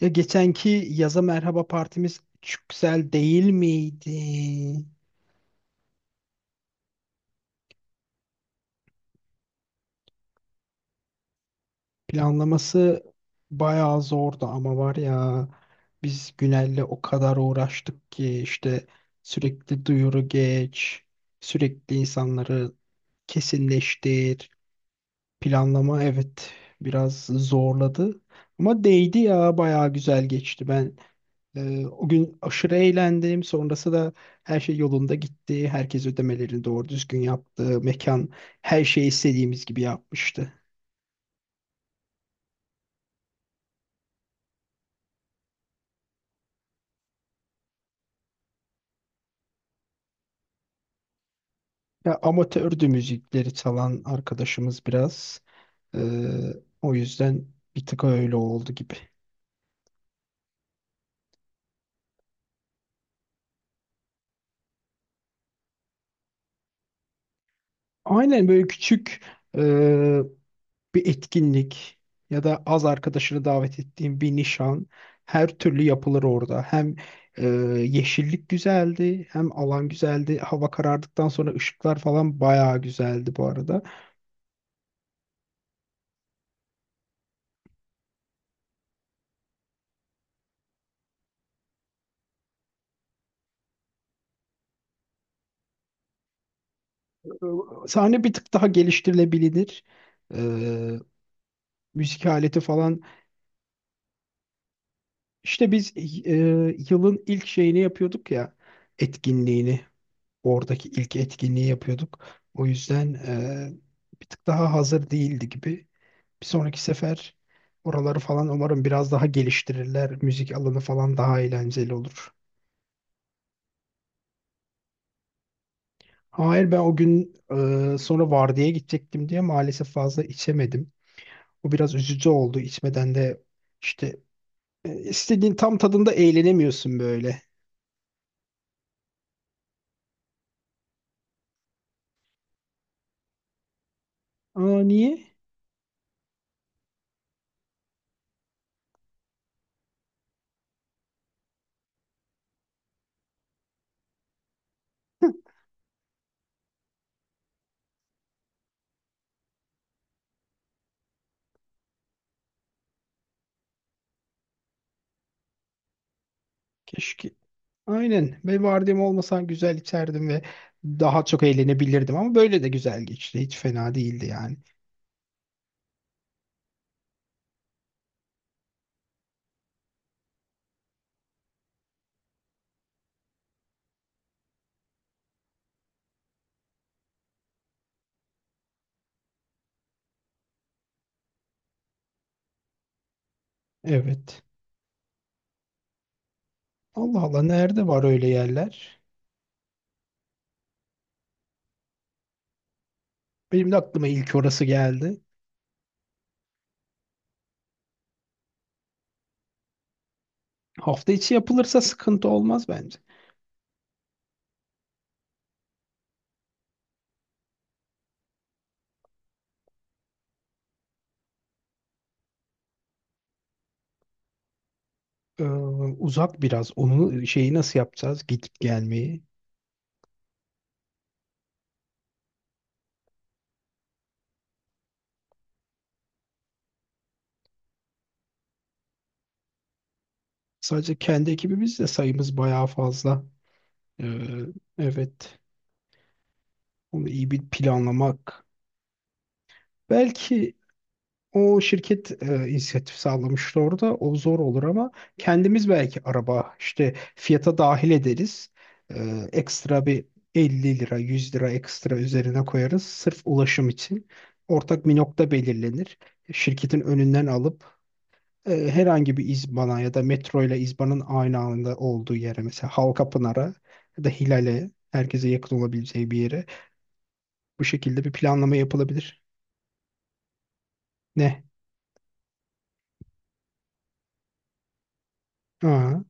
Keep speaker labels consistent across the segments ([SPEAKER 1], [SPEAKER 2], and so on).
[SPEAKER 1] Ya geçenki yaza merhaba partimiz çok güzel değil miydi? Planlaması bayağı zordu ama var ya biz Günel'le o kadar uğraştık ki işte sürekli duyuru geç, sürekli insanları kesinleştir. Planlama evet biraz zorladı ama değdi ya bayağı güzel geçti ben. O gün aşırı eğlendim. Sonrası da her şey yolunda gitti. Herkes ödemelerini doğru düzgün yaptı. Mekan her şeyi istediğimiz gibi yapmıştı. Ya amatördü müzikleri çalan arkadaşımız biraz. Ee, O yüzden bir tık öyle oldu gibi. Aynen böyle küçük bir etkinlik ya da az arkadaşını davet ettiğin bir nişan her türlü yapılır orada. Hem e, yeşillik güzeldi, hem alan güzeldi. Hava karardıktan sonra ışıklar falan bayağı güzeldi bu arada. E, Sahne bir tık daha geliştirilebilir. E, Müzik aleti falan. İşte biz yılın ilk şeyini yapıyorduk ya, etkinliğini. Oradaki ilk etkinliği yapıyorduk. O yüzden bir tık daha hazır değildi gibi. Bir sonraki sefer oraları falan umarım biraz daha geliştirirler. Müzik alanı falan daha eğlenceli olur. Hayır ben o gün sonra vardiyaya gidecektim diye maalesef fazla içemedim. O biraz üzücü oldu. İçmeden de işte istediğin tam tadında eğlenemiyorsun böyle. Aa, niye? Keşke. Aynen. Ve vardiyam olmasa güzel içerdim ve daha çok eğlenebilirdim ama böyle de güzel geçti. Hiç fena değildi yani. Evet. Allah Allah nerede var öyle yerler? Benim de aklıma ilk orası geldi. Hafta içi yapılırsa sıkıntı olmaz bence. Ee, Uzak biraz. Onu şeyi nasıl yapacağız? Gidip gelmeyi. Sadece kendi ekibimiz de sayımız bayağı fazla. Ee, evet. Onu iyi bir planlamak. Belki o şirket inisiyatif sağlamıştı orada. O zor olur ama kendimiz belki araba işte fiyata dahil ederiz. E, Ekstra bir 50 lira, 100 lira ekstra üzerine koyarız sırf ulaşım için. Ortak bir nokta belirlenir. Şirketin önünden alıp herhangi bir İzban'a ya da metro ile İzban'ın aynı anda olduğu yere mesela Halkapınar'a ya da Hilal'e herkese yakın olabileceği bir yere bu şekilde bir planlama yapılabilir. Ne? Aa.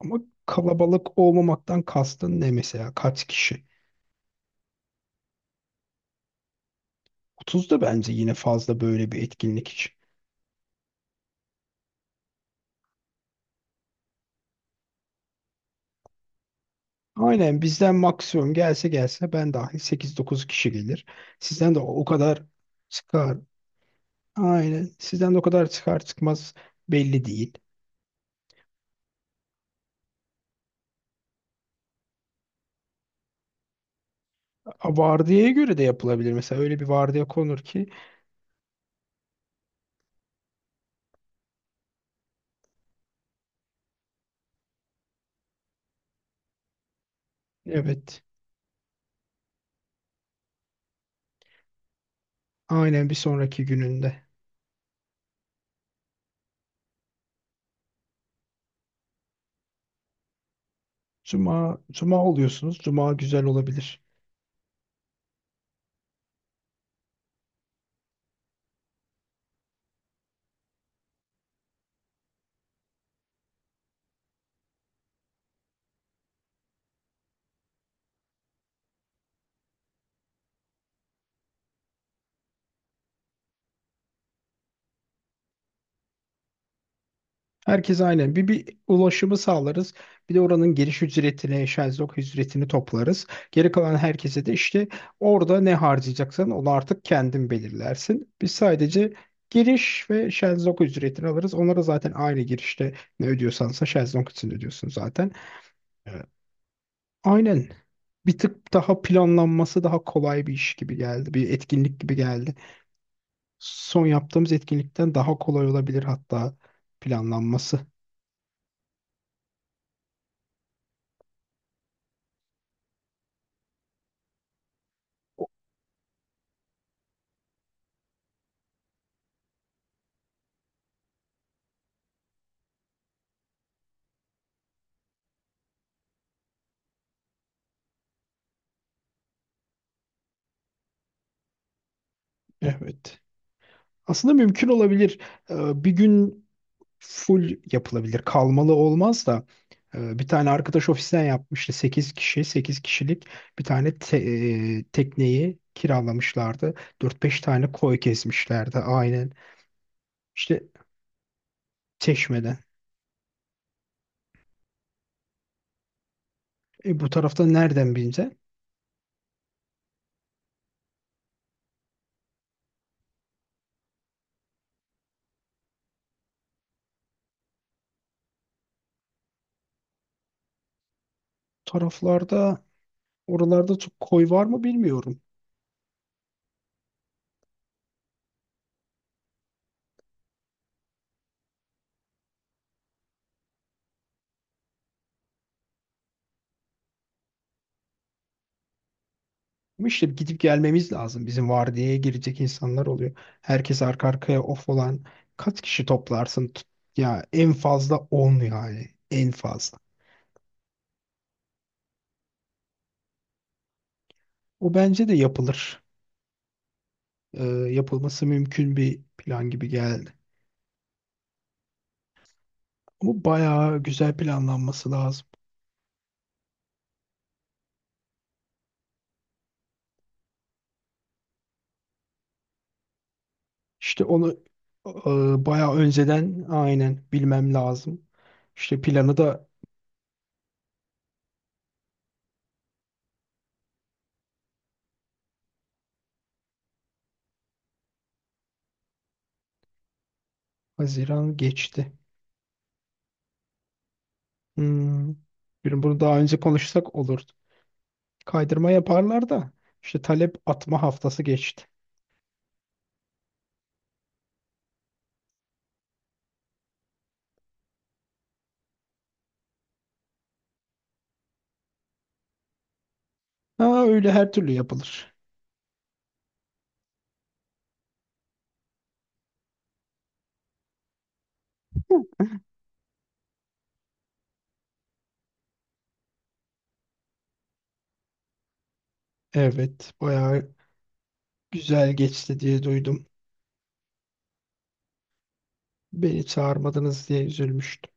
[SPEAKER 1] Ama kalabalık olmamaktan kastın ne mesela? Kaç kişi? 30 da bence yine fazla böyle bir etkinlik için. Aynen bizden maksimum gelse gelse ben dahil 8-9 kişi gelir. Sizden de o kadar çıkar. Aynen. Sizden de o kadar çıkar çıkmaz belli değil. Vardiyaya göre de yapılabilir. Mesela öyle bir vardiya konur ki evet aynen bir sonraki gününde. Cuma oluyorsunuz. Cuma güzel olabilir. Herkes aynen. Bir ulaşımı sağlarız. Bir de oranın giriş ücretini, şezlong ücretini toplarız. Geri kalan herkese de işte orada ne harcayacaksan onu artık kendin belirlersin. Biz sadece giriş ve şezlong ücretini alırız. Onlara zaten aynı girişte ne ödüyorsansa şezlong için ödüyorsun zaten. Evet. Aynen. Bir tık daha planlanması daha kolay bir iş gibi geldi. Bir etkinlik gibi geldi. Son yaptığımız etkinlikten daha kolay olabilir hatta planlanması. Evet. Aslında mümkün olabilir. Bir gün full yapılabilir. Kalmalı olmaz da bir tane arkadaş ofisten yapmıştı. 8 kişi, 8 kişilik bir tane tekneyi kiralamışlardı. 4-5 tane koy kesmişlerdi aynen. İşte Çeşme'den. Bu tarafta nereden bilince? Taraflarda, oralarda çok koy var mı bilmiyorum. Ama işte gidip gelmemiz lazım. Bizim vardiyaya girecek insanlar oluyor. Herkes arka arkaya off olan kaç kişi toplarsın? Ya en fazla 10 yani. En fazla. O bence de yapılır. Yapılması mümkün bir plan gibi geldi. Ama bayağı güzel planlanması lazım. İşte onu bayağı önceden aynen bilmem lazım. İşte planı da Haziran geçti. Hmm. Bunu daha önce konuşsak olur. Kaydırma yaparlar da işte talep atma haftası geçti. Ha, öyle her türlü yapılır. Evet, bayağı güzel geçti diye duydum. Beni çağırmadınız diye üzülmüştüm.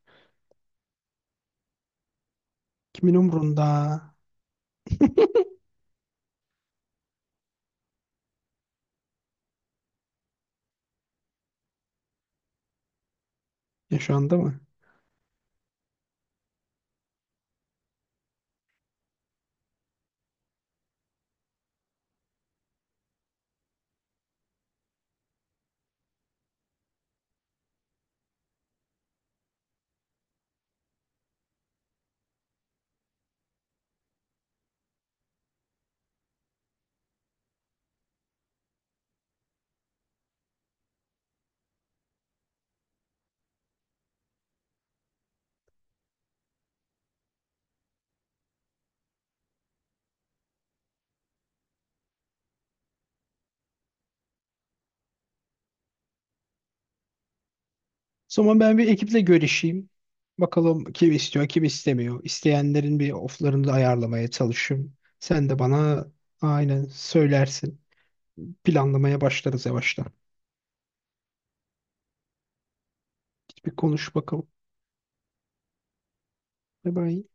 [SPEAKER 1] Kimin umrunda? Yaşandı mı? O zaman ben bir ekiple görüşeyim. Bakalım kim istiyor, kim istemiyor. İsteyenlerin bir oflarını da ayarlamaya çalışayım. Sen de bana aynen söylersin. Planlamaya başlarız yavaştan. Bir konuş bakalım. Bye bye.